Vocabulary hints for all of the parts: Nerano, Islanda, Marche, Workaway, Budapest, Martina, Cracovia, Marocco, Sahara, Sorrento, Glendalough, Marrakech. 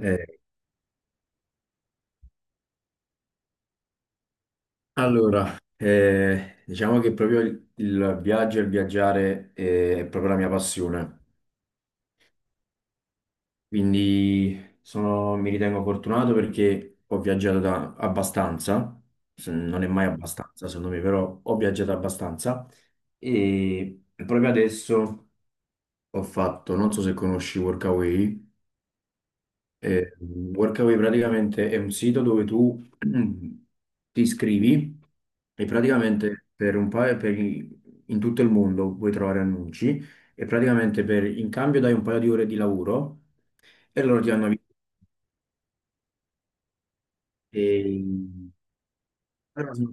Eh, diciamo che proprio il viaggio e il viaggiare è proprio la mia passione, quindi mi ritengo fortunato perché ho viaggiato abbastanza, non è mai abbastanza secondo me, però ho viaggiato abbastanza e proprio adesso ho fatto, non so se conosci Workaway. Eh, Workaway praticamente è un sito dove tu ti iscrivi e praticamente per un paio, per i- in tutto il mondo puoi trovare annunci e praticamente in cambio dai un paio di ore di lavoro e loro ti hanno e- però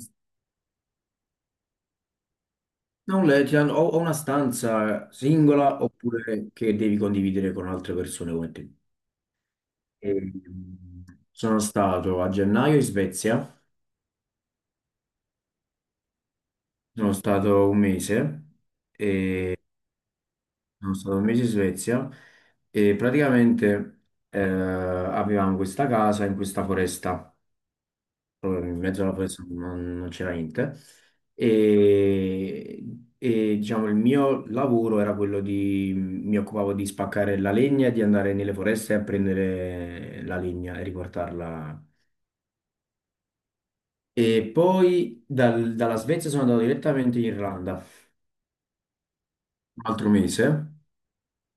non le- ti hanno, o una stanza singola oppure che devi condividere con altre persone come te. E sono stato a gennaio in Svezia, sono stato un mese. e Sono stato un mese in Svezia e praticamente avevamo questa casa in questa foresta, proprio in mezzo alla foresta non c'era niente. E, diciamo il mio lavoro era quello di, mi occupavo di spaccare la legna e di andare nelle foreste a prendere la legna e riportarla. E poi dalla Svezia sono andato direttamente in Irlanda, un altro mese.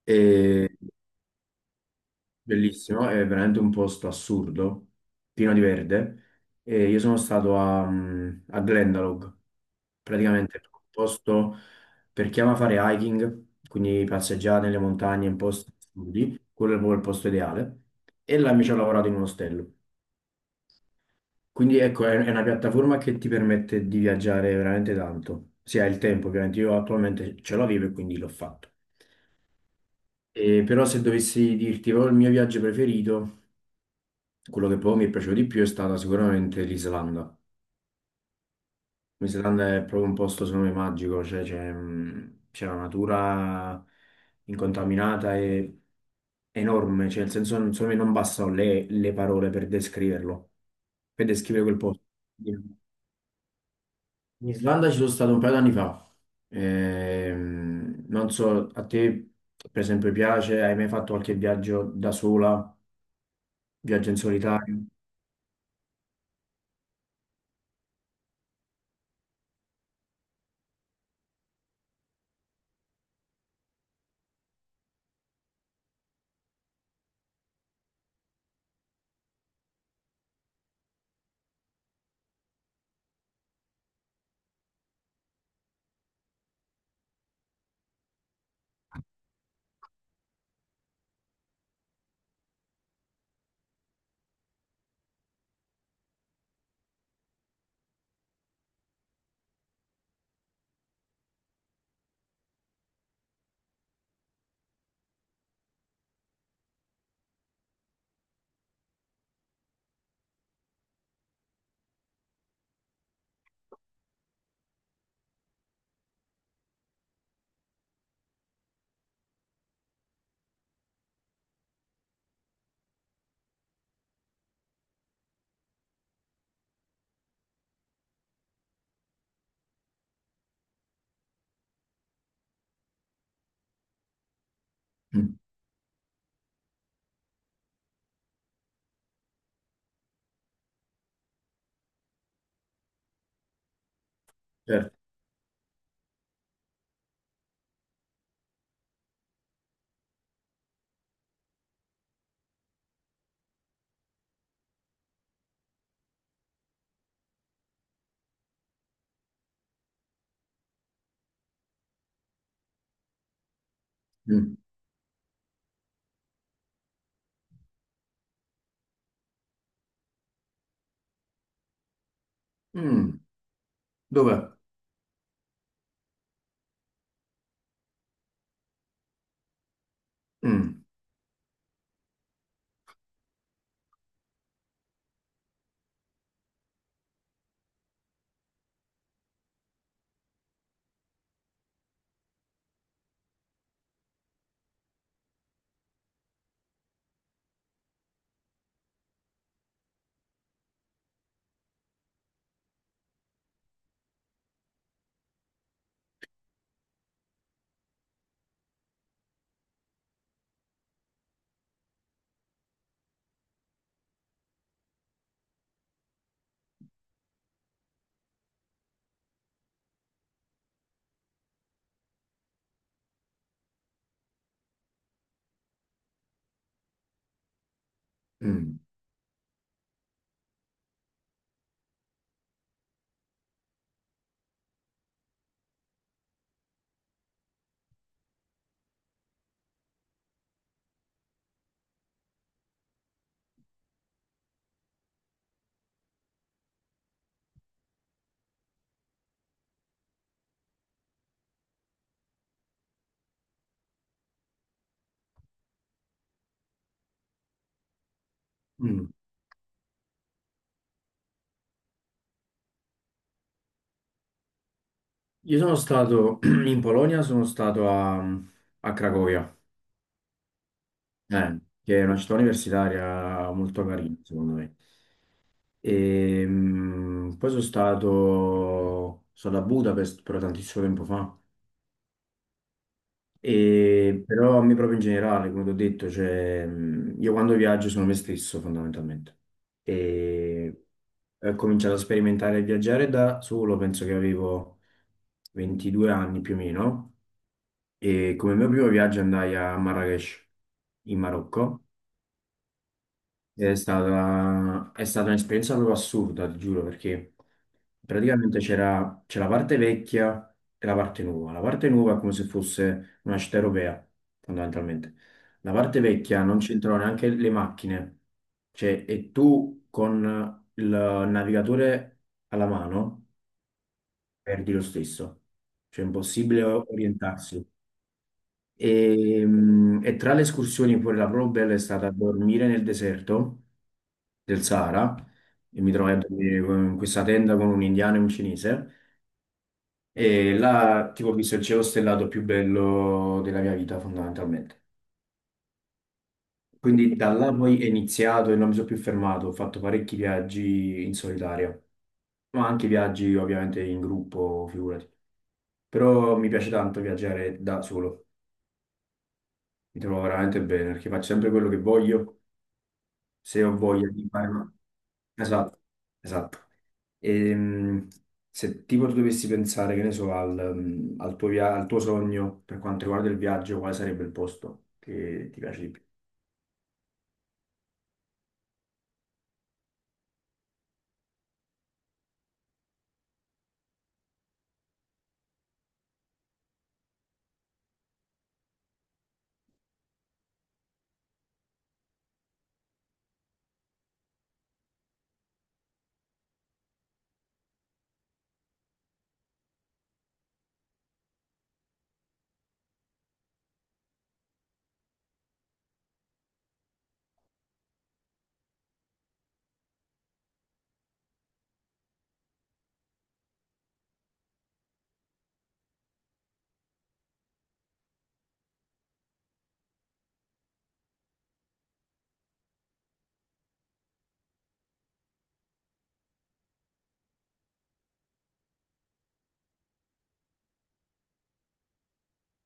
E bellissimo, è veramente un posto assurdo, pieno di verde. E io sono stato a, a Glendalough, praticamente è un posto per chi ama fare hiking, quindi passeggiare nelle montagne in posti assurdi, quello è proprio il posto ideale. E là mi ci ho lavorato in un ostello. Quindi ecco, è una piattaforma che ti permette di viaggiare veramente tanto. Se hai il tempo, ovviamente io attualmente ce l'avevo e quindi l'ho fatto. Però se dovessi dirti proprio il mio viaggio preferito, quello che proprio mi è piaciuto di più è stata sicuramente l'Islanda. L'Islanda è proprio un posto, secondo me, magico, cioè c'è c'è la natura incontaminata e enorme, cioè nel senso, secondo me non bastano le parole per descriverlo, per descrivere quel posto. In Islanda ci sono stato un paio d'anni fa. Non so, a te per esempio piace, hai mai fatto qualche viaggio da sola, viaggio in solitario? Mm, certo. Mm. Mm. Dov'è? Mm, mm, mm. Io sono stato in Polonia, sono stato a, a Cracovia, che è una città universitaria molto carina, secondo me. E, poi sono stato a Budapest però tantissimo tempo fa. E però a me proprio in generale, come ti ho detto, cioè, io quando viaggio sono me stesso fondamentalmente. E ho cominciato a sperimentare e viaggiare da solo, penso che avevo 22 anni più o meno. E come mio primo viaggio andai a Marrakech, in Marocco, ed è stata un'esperienza proprio assurda, ti giuro, perché praticamente c'è la parte vecchia e la parte nuova. La parte nuova è come se fosse una città europea, fondamentalmente. La parte vecchia non c'entrano neanche le macchine, cioè, e tu con il navigatore alla mano perdi lo stesso, cioè è impossibile orientarsi. E tra le escursioni, pure la proprio bella è stata dormire nel deserto del Sahara e mi trovai a dormire in questa tenda con un indiano e un cinese e là tipo ho visto il cielo stellato più bello della mia vita fondamentalmente. Quindi da là poi è iniziato e non mi sono più fermato, ho fatto parecchi viaggi in solitaria, ma anche viaggi ovviamente in gruppo, figurati. Però mi piace tanto viaggiare da solo, mi trovo veramente bene perché faccio sempre quello che voglio se ho voglia di fare una... Esatto, esatto. Ehm, Se tipo tu dovessi pensare, che ne so, al, al tuo, al tuo sogno per quanto riguarda il viaggio, quale sarebbe il posto che ti piace di più?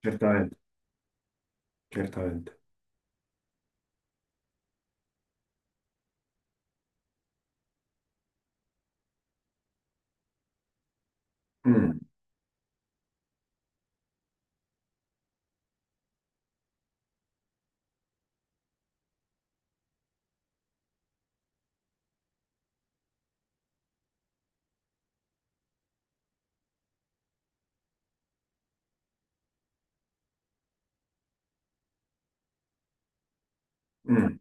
Certamente, certamente. Mm, mm.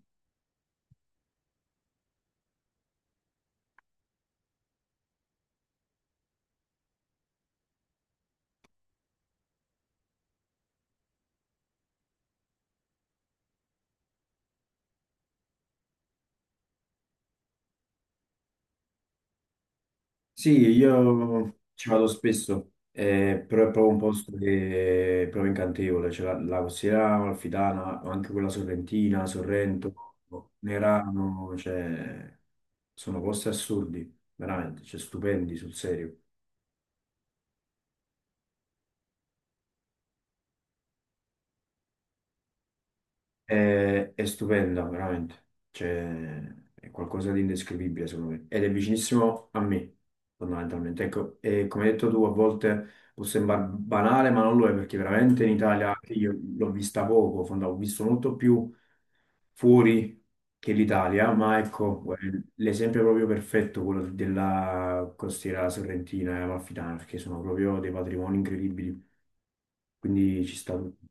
Sì, io ci vado spesso, però è proprio un posto che è proprio incantevole, c'è la costiera amalfitana, ma anche quella sorrentina, Sorrento, Nerano, cioè, sono posti assurdi, veramente, cioè, stupendi sul serio. È stupenda, veramente. Cioè, è qualcosa di indescrivibile, secondo me. Ed è vicinissimo a me, fondamentalmente. Ecco, e come hai detto tu, a volte può sembrare banale, ma non lo è, perché veramente in Italia anche io l'ho vista poco, ho visto molto più fuori che l'Italia, ma ecco, l'esempio è proprio perfetto, quello della costiera sorrentina e amalfitana, perché sono proprio dei patrimoni incredibili. Quindi ci sta tutto.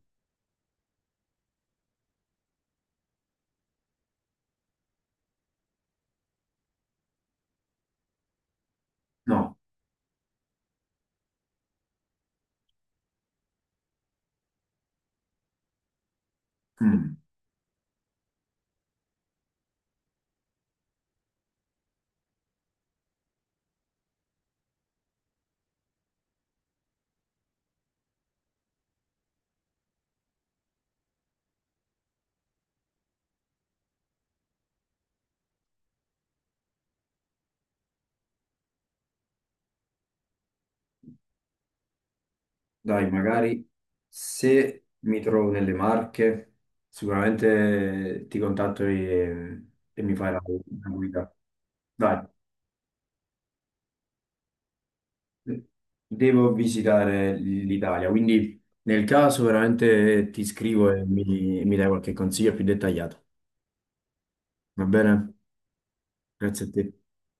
No. Mm. Dai, magari se mi trovo nelle Marche, sicuramente ti contatto e mi fai la, la guida. Dai, devo visitare l'Italia, quindi nel caso veramente ti scrivo e mi dai qualche consiglio più dettagliato. Va bene? Grazie a te.